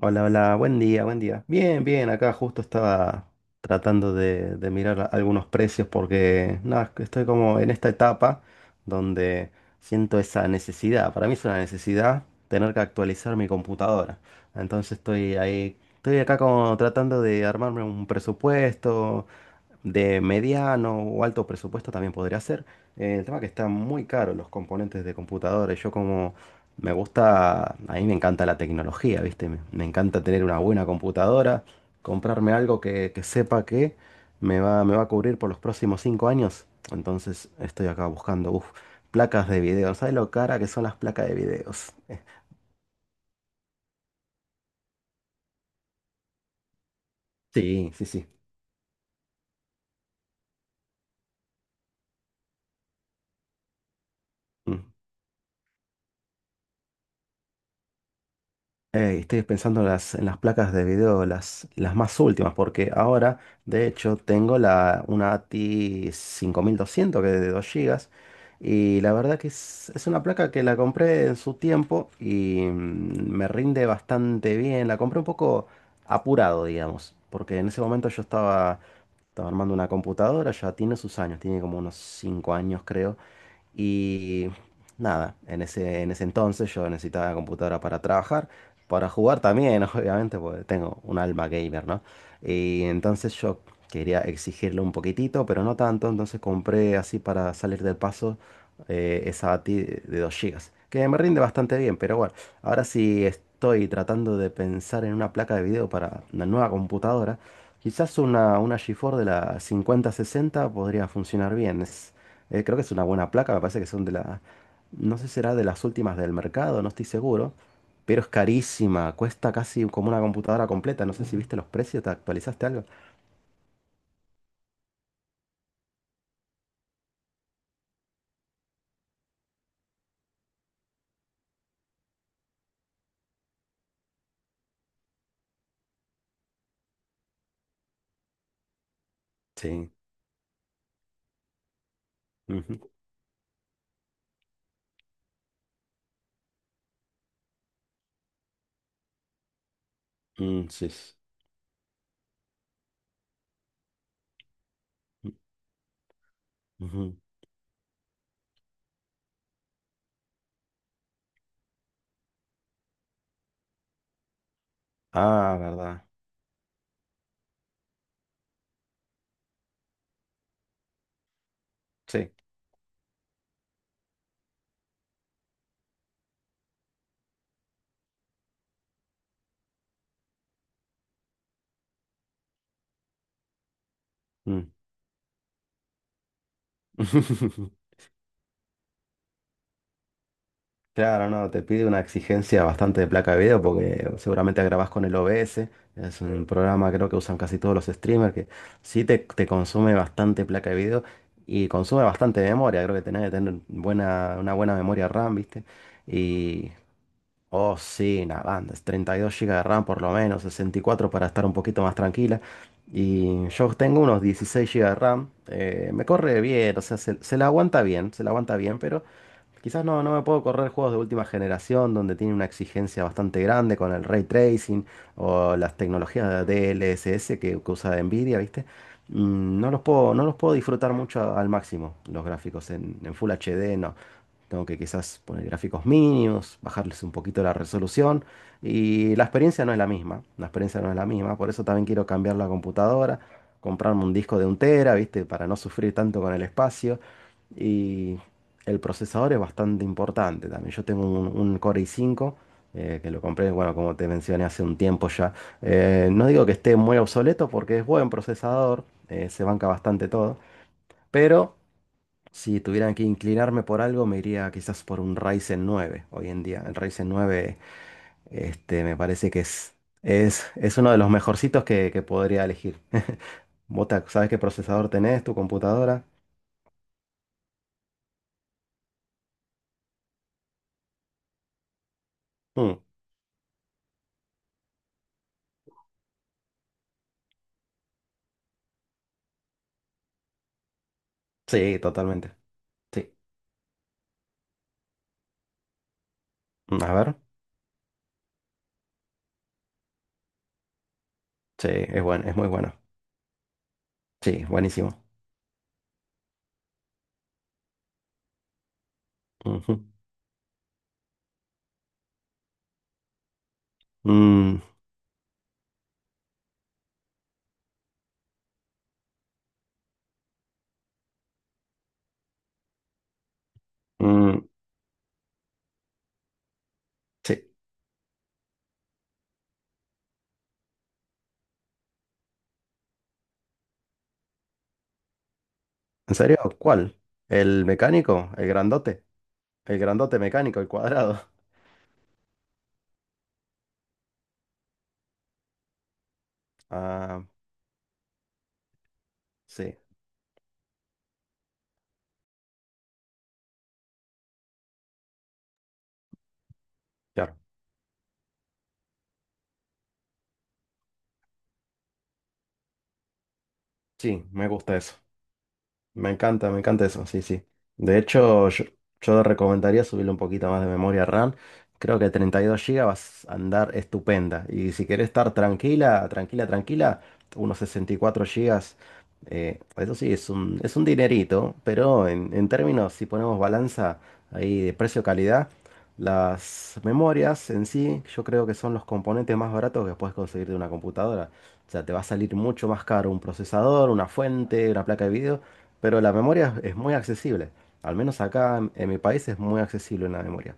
Hola, hola, buen día, buen día. Bien, bien, acá justo estaba tratando de mirar algunos precios porque nada, que estoy como en esta etapa donde siento esa necesidad. Para mí es una necesidad tener que actualizar mi computadora. Entonces estoy ahí, estoy acá como tratando de armarme un presupuesto, de mediano o alto presupuesto también podría ser. El tema que están muy caros los componentes de computadores. Yo como me gusta, a mí me encanta la tecnología, ¿viste? Me encanta tener una buena computadora, comprarme algo que sepa que me va a cubrir por los próximos 5 años. Entonces estoy acá buscando, uf, placas de video. ¿Sabes lo cara que son las placas de videos? Sí, sí, sí. Mm. Ey, estoy pensando en las placas de video, las más últimas, porque ahora, de hecho, tengo una ATI 200 que es de 2 gigas. Y la verdad que es una placa que la compré en su tiempo y me rinde bastante bien. La compré un poco apurado, digamos, porque en ese momento yo estaba armando una computadora, ya tiene sus años, tiene como unos 5 años, creo. Y nada, en ese entonces yo necesitaba computadora para trabajar. Para jugar también, obviamente, porque tengo un alma gamer, ¿no? Y entonces yo quería exigirle un poquitito, pero no tanto, entonces compré así para salir del paso, esa ATI de 2 gigas que me rinde bastante bien, pero bueno, ahora sí estoy tratando de pensar en una placa de video para una nueva computadora. Quizás una GeForce de la 5060 podría funcionar bien. Creo que es una buena placa, me parece que son de la. No sé si será de las últimas del mercado, no estoy seguro, pero es carísima, cuesta casi como una computadora completa. No sé si viste los precios, ¿te actualizaste algo? Sí. Ujú. Sí. Ujú. Ah, verdad. Sí. Mm. Claro, no, te pide una exigencia bastante de placa de video porque seguramente grabás con el OBS. Es un programa creo que usan casi todos los streamers que sí te consume bastante placa de video y consume bastante memoria. Creo que tenés que tener una buena memoria RAM, ¿viste? Y Oh, sí, una banda, es 32 gigas de RAM por lo menos, 64 para estar un poquito más tranquila. Y yo tengo unos 16 gigas de RAM, me corre bien, o sea, se la aguanta bien, se la aguanta bien, pero. Quizás no, no me puedo correr juegos de última generación donde tiene una exigencia bastante grande con el ray tracing o las tecnologías de DLSS que usa Nvidia, ¿viste? No los puedo, no los puedo disfrutar mucho al máximo los gráficos en Full HD, no. Tengo que quizás poner gráficos mínimos, bajarles un poquito la resolución y la experiencia no es la misma, la experiencia no es la misma, por eso también quiero cambiar la computadora, comprarme un disco de un tera, ¿viste? Para no sufrir tanto con el espacio. Y el procesador es bastante importante también. Yo tengo un Core i5, que lo compré, bueno, como te mencioné hace un tiempo ya. No digo que esté muy obsoleto porque es buen procesador, se banca bastante todo, pero si tuvieran que inclinarme por algo, me iría quizás por un Ryzen 9 hoy en día. El Ryzen 9, este, me parece que es uno de los mejorcitos que podría elegir. ¿Vos sabés qué procesador tenés, tu computadora? Mm, sí, totalmente. Sí. A ver. Sí, es bueno, es muy bueno. Sí, buenísimo. Ujú. Mm, mm, sí. ¿En serio? ¿Cuál? ¿El mecánico? ¿El grandote? El grandote mecánico, el cuadrado. Ah, sí, claro. Sí, me gusta eso. Me encanta eso, sí, sí. De hecho, yo recomendaría subirle un poquito más de memoria RAM. Creo que 32 gigas vas a andar estupenda. Y si querés estar tranquila, tranquila, tranquila, unos 64 GB. Eso sí, es un dinerito, pero en términos, si ponemos balanza ahí de precio-calidad, las memorias en sí, yo creo que son los componentes más baratos que puedes conseguir de una computadora. O sea, te va a salir mucho más caro un procesador, una fuente, una placa de video, pero la memoria es muy accesible. Al menos acá en mi país es muy accesible la memoria.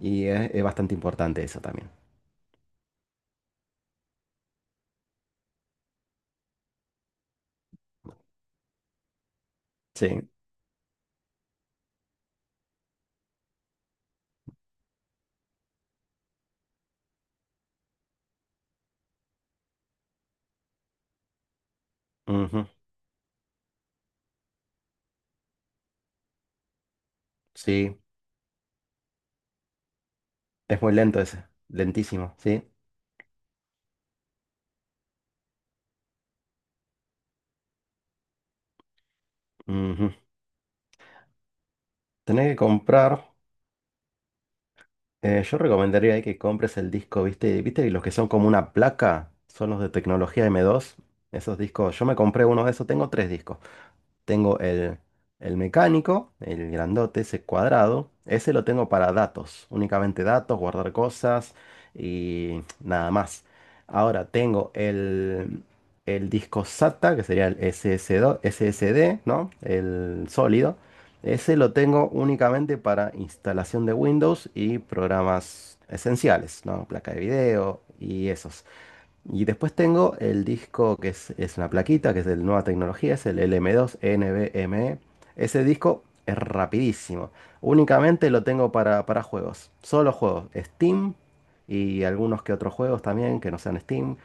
Y es bastante importante eso también. Sí. Ujú. Sí. Es muy lento ese. Lentísimo. Sí. Ujú. Tenés que comprar. Yo recomendaría ahí que compres el disco, ¿viste? ¿Viste? Y los que son como una placa son los de tecnología M2. Esos discos. Yo me compré uno de esos. Tengo tres discos. Tengo el mecánico, el grandote, ese cuadrado. Ese lo tengo para datos, únicamente datos, guardar cosas y nada más. Ahora tengo el disco SATA, que sería el SSD, ¿no? El sólido. Ese lo tengo únicamente para instalación de Windows y programas esenciales, ¿no? Placa de video y eso. Y después tengo el disco que es una plaquita, que es de nueva tecnología, es el LM2 NVMe. Ese disco es rapidísimo. Únicamente lo tengo para juegos. Solo juegos. Steam y algunos que otros juegos también que no sean Steam.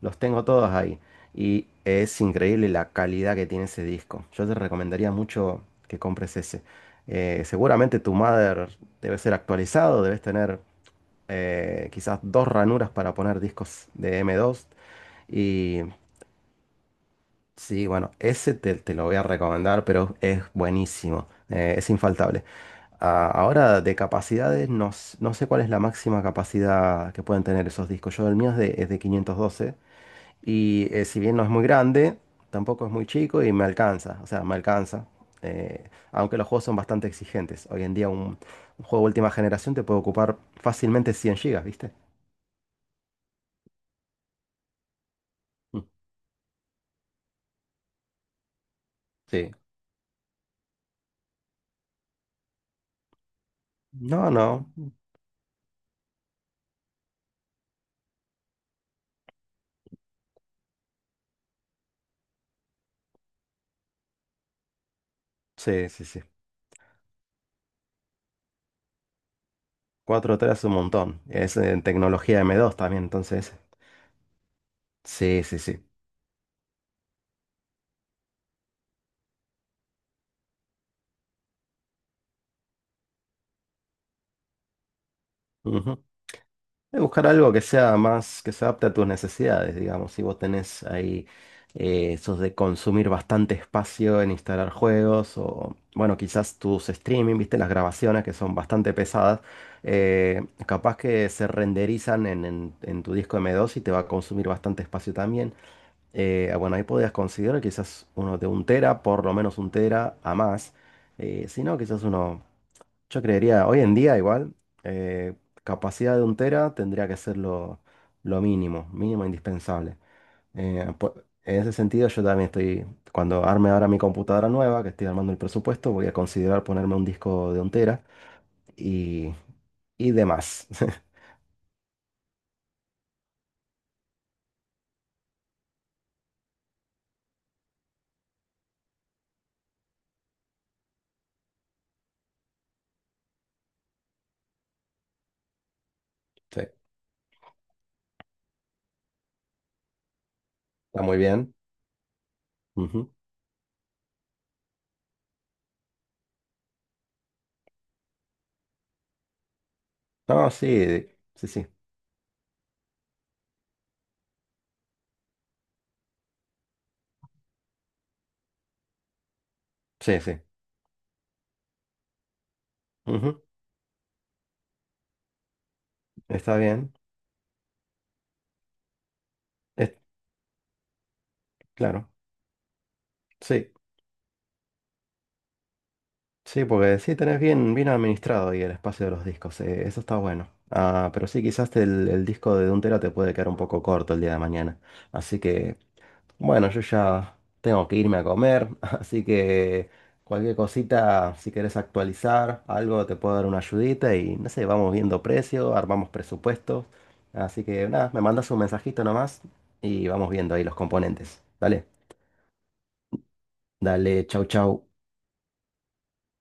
Los tengo todos ahí. Y es increíble la calidad que tiene ese disco. Yo te recomendaría mucho que compres ese. Seguramente tu mother debe ser actualizado, debes tener, quizás dos ranuras para poner discos de M2, y sí, bueno, ese te lo voy a recomendar, pero es buenísimo, es infaltable. Ah, ahora, de capacidades, no, no sé cuál es la máxima capacidad que pueden tener esos discos. Yo, el mío es de 512, y si bien no es muy grande, tampoco es muy chico y me alcanza, o sea, me alcanza. Aunque los juegos son bastante exigentes. Hoy en día un juego de última generación te puede ocupar fácilmente 100 gigas, ¿viste? Mm. Sí. No, no. Sí, sí, sí. Cuatro 3 es un montón. Es en tecnología M2 también, entonces. Sí, sí, sí. Ujú. Y buscar algo que sea más, que se adapte a tus necesidades, digamos. Si vos tenés ahí, esos de consumir bastante espacio en instalar juegos o, bueno, quizás tus streaming, viste, las grabaciones que son bastante pesadas, capaz que se renderizan en tu disco M2 y te va a consumir bastante espacio también. Bueno, ahí podías considerar quizás uno de un tera, por lo menos un tera a más. Si no, quizás uno, yo creería, hoy en día igual, eh, capacidad de un tera tendría que ser lo mínimo, mínimo indispensable. Eh, po- en ese sentido, yo también estoy, cuando arme ahora mi computadora nueva, que estoy armando el presupuesto, voy a considerar ponerme un disco de un tera y, y demás. Sí, está muy bien. Ujú. No, sí, sí, sí, sí, sí. Ujú. Está bien. Claro, sí, sí, porque sí tenés bien, bien administrado ahí el espacio de los discos, eso está bueno. Ah, pero sí, quizás el disco de un tera te puede quedar un poco corto el día de mañana. Así que, bueno, yo ya tengo que irme a comer, así que cualquier cosita, si querés actualizar algo, te puedo dar una ayudita y no sé, vamos viendo precio, armamos presupuestos. Así que nada, me mandas un mensajito nomás y vamos viendo ahí los componentes. Dale, dale, chau, chau.